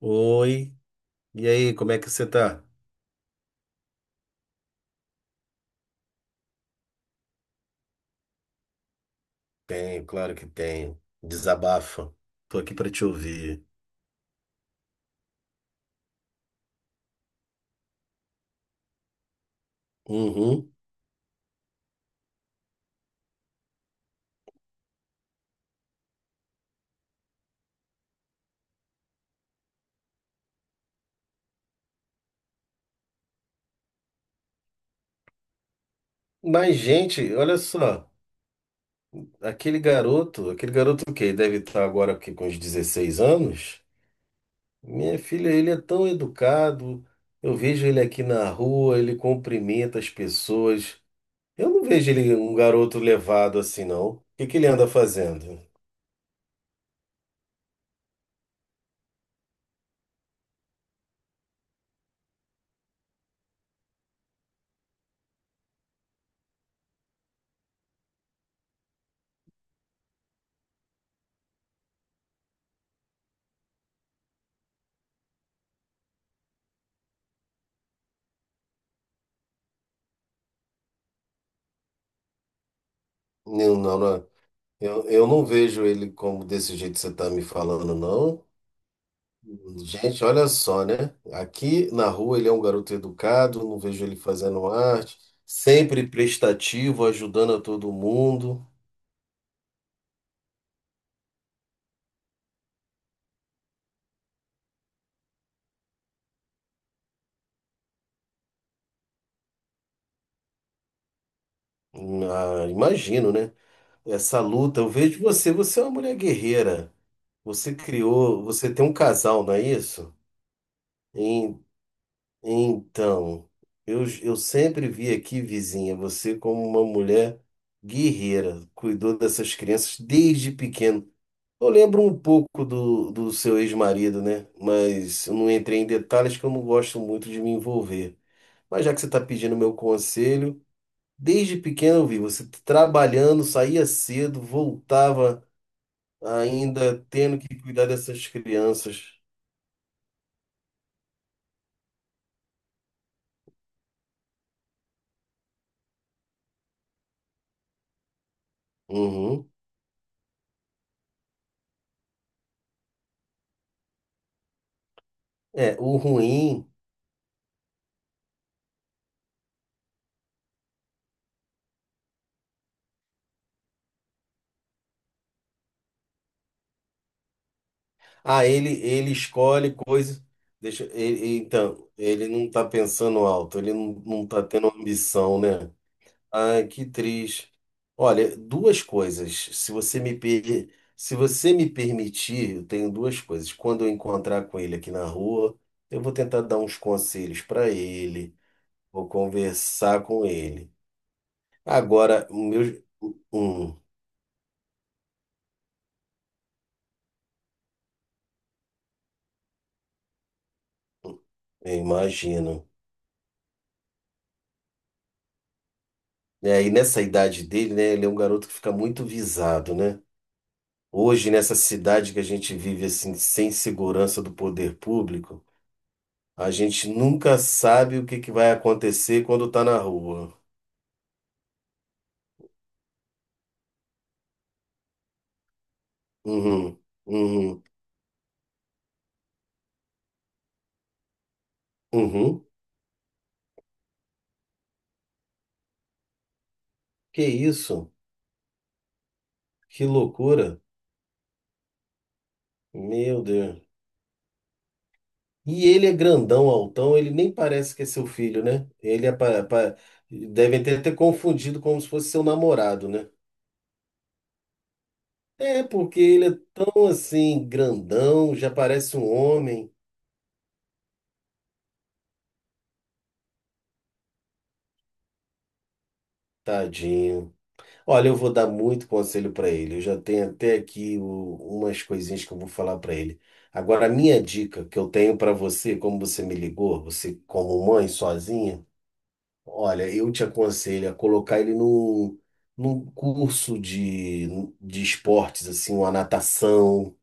Oi, e aí, como é que você tá? Tenho, claro que tenho. Desabafa. Tô aqui pra te ouvir. Uhum. Mas, gente, olha só. Aquele garoto que deve estar agora aqui com uns 16 anos. Minha filha, ele é tão educado. Eu vejo ele aqui na rua, ele cumprimenta as pessoas. Eu não vejo ele um garoto levado assim, não. O que que ele anda fazendo? Não, não, não. Eu não vejo ele como desse jeito que você está me falando, não. Gente, olha só, né? Aqui na rua ele é um garoto educado, não vejo ele fazendo arte, sempre prestativo, ajudando a todo mundo. Ah, imagino, né? Essa luta, eu vejo você, você é uma mulher guerreira. Você criou, você tem um casal, não é isso? Em- Então, eu sempre vi aqui, vizinha, você como uma mulher guerreira, cuidou dessas crianças desde pequeno. Eu lembro um pouco do seu ex-marido, né? Mas eu não entrei em detalhes que eu não gosto muito de me envolver. Mas já que você está pedindo meu conselho, desde pequeno eu vi você trabalhando, saía cedo, voltava ainda tendo que cuidar dessas crianças. Uhum. É, o ruim. Ah, ele escolhe coisas. Deixa, ele, então, ele não está pensando alto, ele não está tendo ambição, né? Ai, que triste. Olha, duas coisas. Se você me permitir, eu tenho duas coisas. Quando eu encontrar com ele aqui na rua, eu vou tentar dar uns conselhos para ele, vou conversar com ele. Agora, o meu, hum, eu imagino. É, e nessa idade dele, né, ele é um garoto que fica muito visado, né? Hoje, nessa cidade que a gente vive assim, sem segurança do poder público, a gente nunca sabe o que que vai acontecer quando tá na rua. Uhum, uhum, uhum. Que isso? Que loucura. Meu Deus. E ele é grandão, altão, ele nem parece que é seu filho, né? Ele é pa- pa- Devem ter até confundido como se fosse seu namorado, né? É, porque ele é tão assim, grandão, já parece um homem. Tadinho. Olha, eu vou dar muito conselho para ele. Eu já tenho até aqui umas coisinhas que eu vou falar para ele. Agora, a minha dica que eu tenho para você, como você me ligou, você como mãe sozinha, olha, eu te aconselho a colocar ele num, num curso de esportes, assim, uma natação.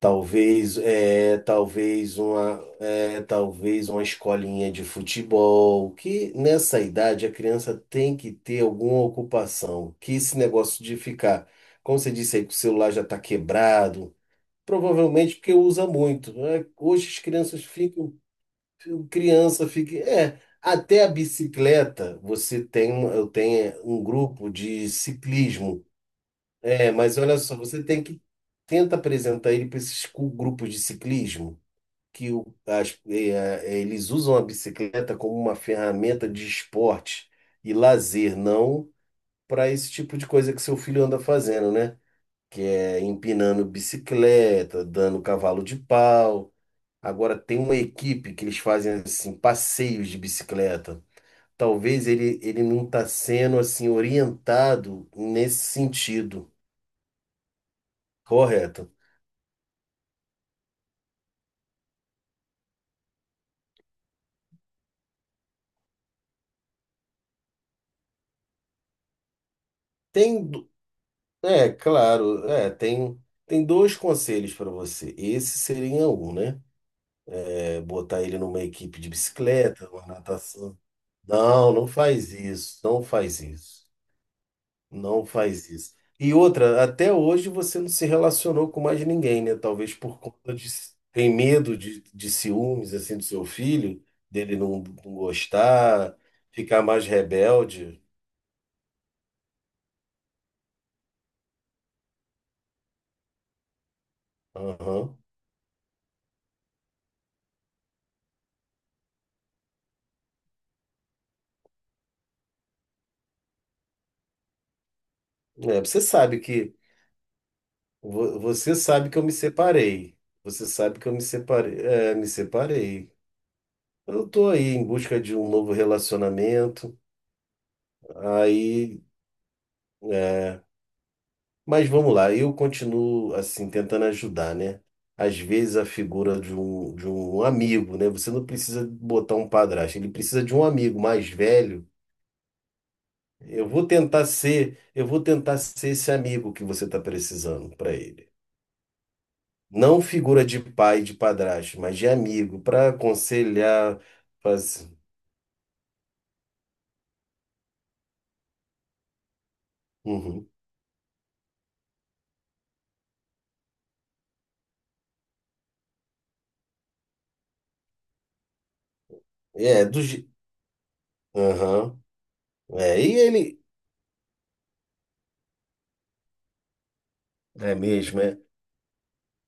Talvez, é, talvez uma escolinha de futebol, que nessa idade a criança tem que ter alguma ocupação, que esse negócio de ficar, como você disse aí, que o celular já está quebrado, provavelmente porque usa muito, né? Hoje as crianças ficam, criança fica, até a bicicleta, eu tenho um grupo de ciclismo, mas olha só, você tem que tenta apresentar ele para esses grupos de ciclismo que eles usam a bicicleta como uma ferramenta de esporte e lazer, não para esse tipo de coisa que seu filho anda fazendo, né? Que é empinando bicicleta, dando cavalo de pau. Agora tem uma equipe que eles fazem assim passeios de bicicleta. Talvez ele não está sendo assim orientado nesse sentido, correto? Tem É, claro, tem dois conselhos para você. Esse seria um, né? É botar ele numa equipe de bicicleta, uma natação. Não, não faz isso, não faz isso, não faz isso. E outra, até hoje você não se relacionou com mais ninguém, né? Talvez por conta de tem medo de ciúmes assim do seu filho, dele não gostar, ficar mais rebelde. Aham. É, você sabe que Você sabe que eu me separei. Você sabe que eu me separei. É, me separei. Eu tô aí em busca de um novo relacionamento. Aí, é, mas vamos lá, eu continuo assim tentando ajudar, né? Às vezes a figura de um, amigo, né? Você não precisa botar um padrasto, ele precisa de um amigo mais velho. Eu vou tentar ser esse amigo que você está precisando para ele. Não figura de pai, de padrasto, mas de amigo, para aconselhar, fazer. Uhum. É, do. je- Aham. É, e ele. É mesmo, é.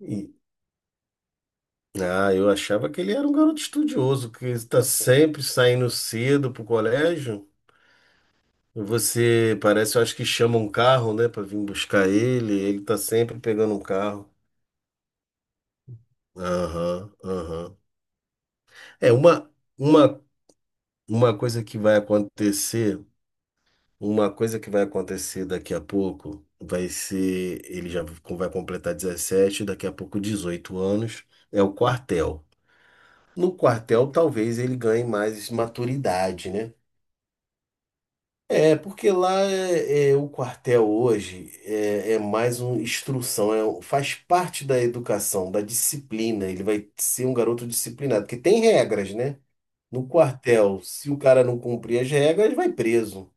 E- Ah, eu achava que ele era um garoto estudioso, que está sempre saindo cedo pro colégio. Eu acho que chama um carro, né, para vir buscar ele. Ele tá sempre pegando um carro. Aham, aham. É uma, uma, uma coisa que vai acontecer. Uma coisa que vai acontecer daqui a pouco vai ser, ele já vai completar 17 daqui a pouco 18 anos, é o quartel. No quartel, talvez ele ganhe mais maturidade, né? É, porque lá é, o quartel hoje é mais uma instrução, faz parte da educação, da disciplina. Ele vai ser um garoto disciplinado, porque tem regras, né? No quartel, se o cara não cumprir as regras, ele vai preso.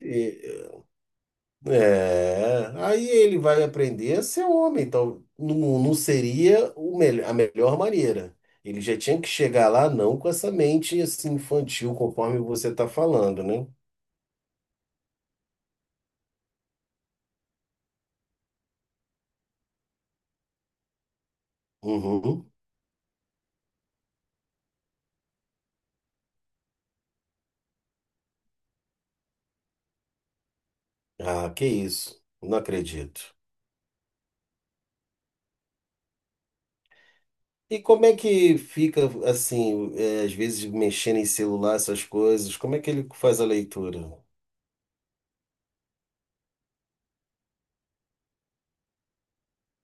É, É, aí ele vai aprender a ser um homem, então não seria o a melhor maneira. Ele já tinha que chegar lá não com essa mente assim infantil, conforme você está falando, né? Uhum. Ah, que isso, não acredito. E como é que fica assim, às vezes mexendo em celular, essas coisas, como é que ele faz a leitura?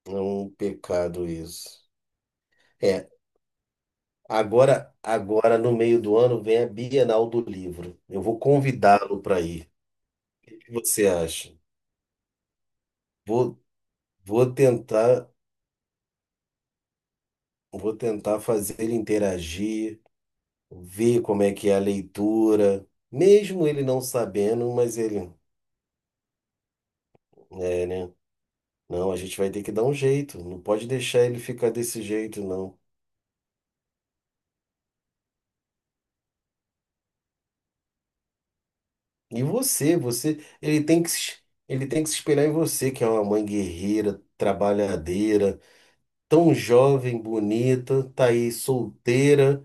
É um pecado isso. é Agora, agora no meio do ano vem a Bienal do Livro. Eu vou convidá-lo para ir. O que você acha? Vou, vou tentar, vou tentar fazer ele interagir, ver como é que é a leitura, mesmo ele não sabendo, mas ele, né? Não, a gente vai ter que dar um jeito. Não pode deixar ele ficar desse jeito, não. E você, ele tem que, se- ele tem que se espelhar em você, que é uma mãe guerreira, trabalhadeira tão jovem, bonita, tá aí solteira.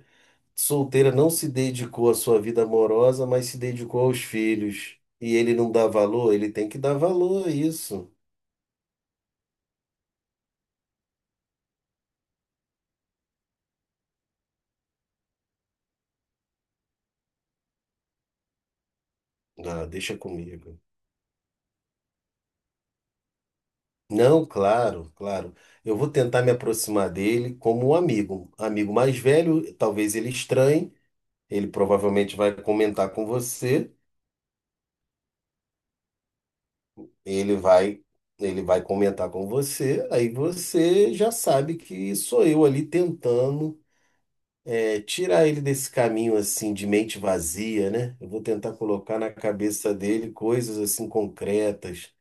Solteira não se dedicou à sua vida amorosa, mas se dedicou aos filhos. E ele não dá valor? Ele tem que dar valor a isso. Ah, deixa comigo. Não, claro, claro. Eu vou tentar me aproximar dele como um amigo. Amigo mais velho, talvez ele estranhe, ele provavelmente vai comentar com você, ele vai, aí você já sabe que sou eu ali tentando tirar ele desse caminho assim de mente vazia, né? Eu vou tentar colocar na cabeça dele coisas assim concretas.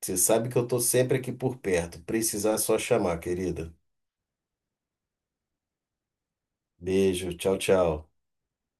Você sabe que eu tô sempre aqui por perto. Precisar é só chamar, querida. Beijo, tchau, tchau.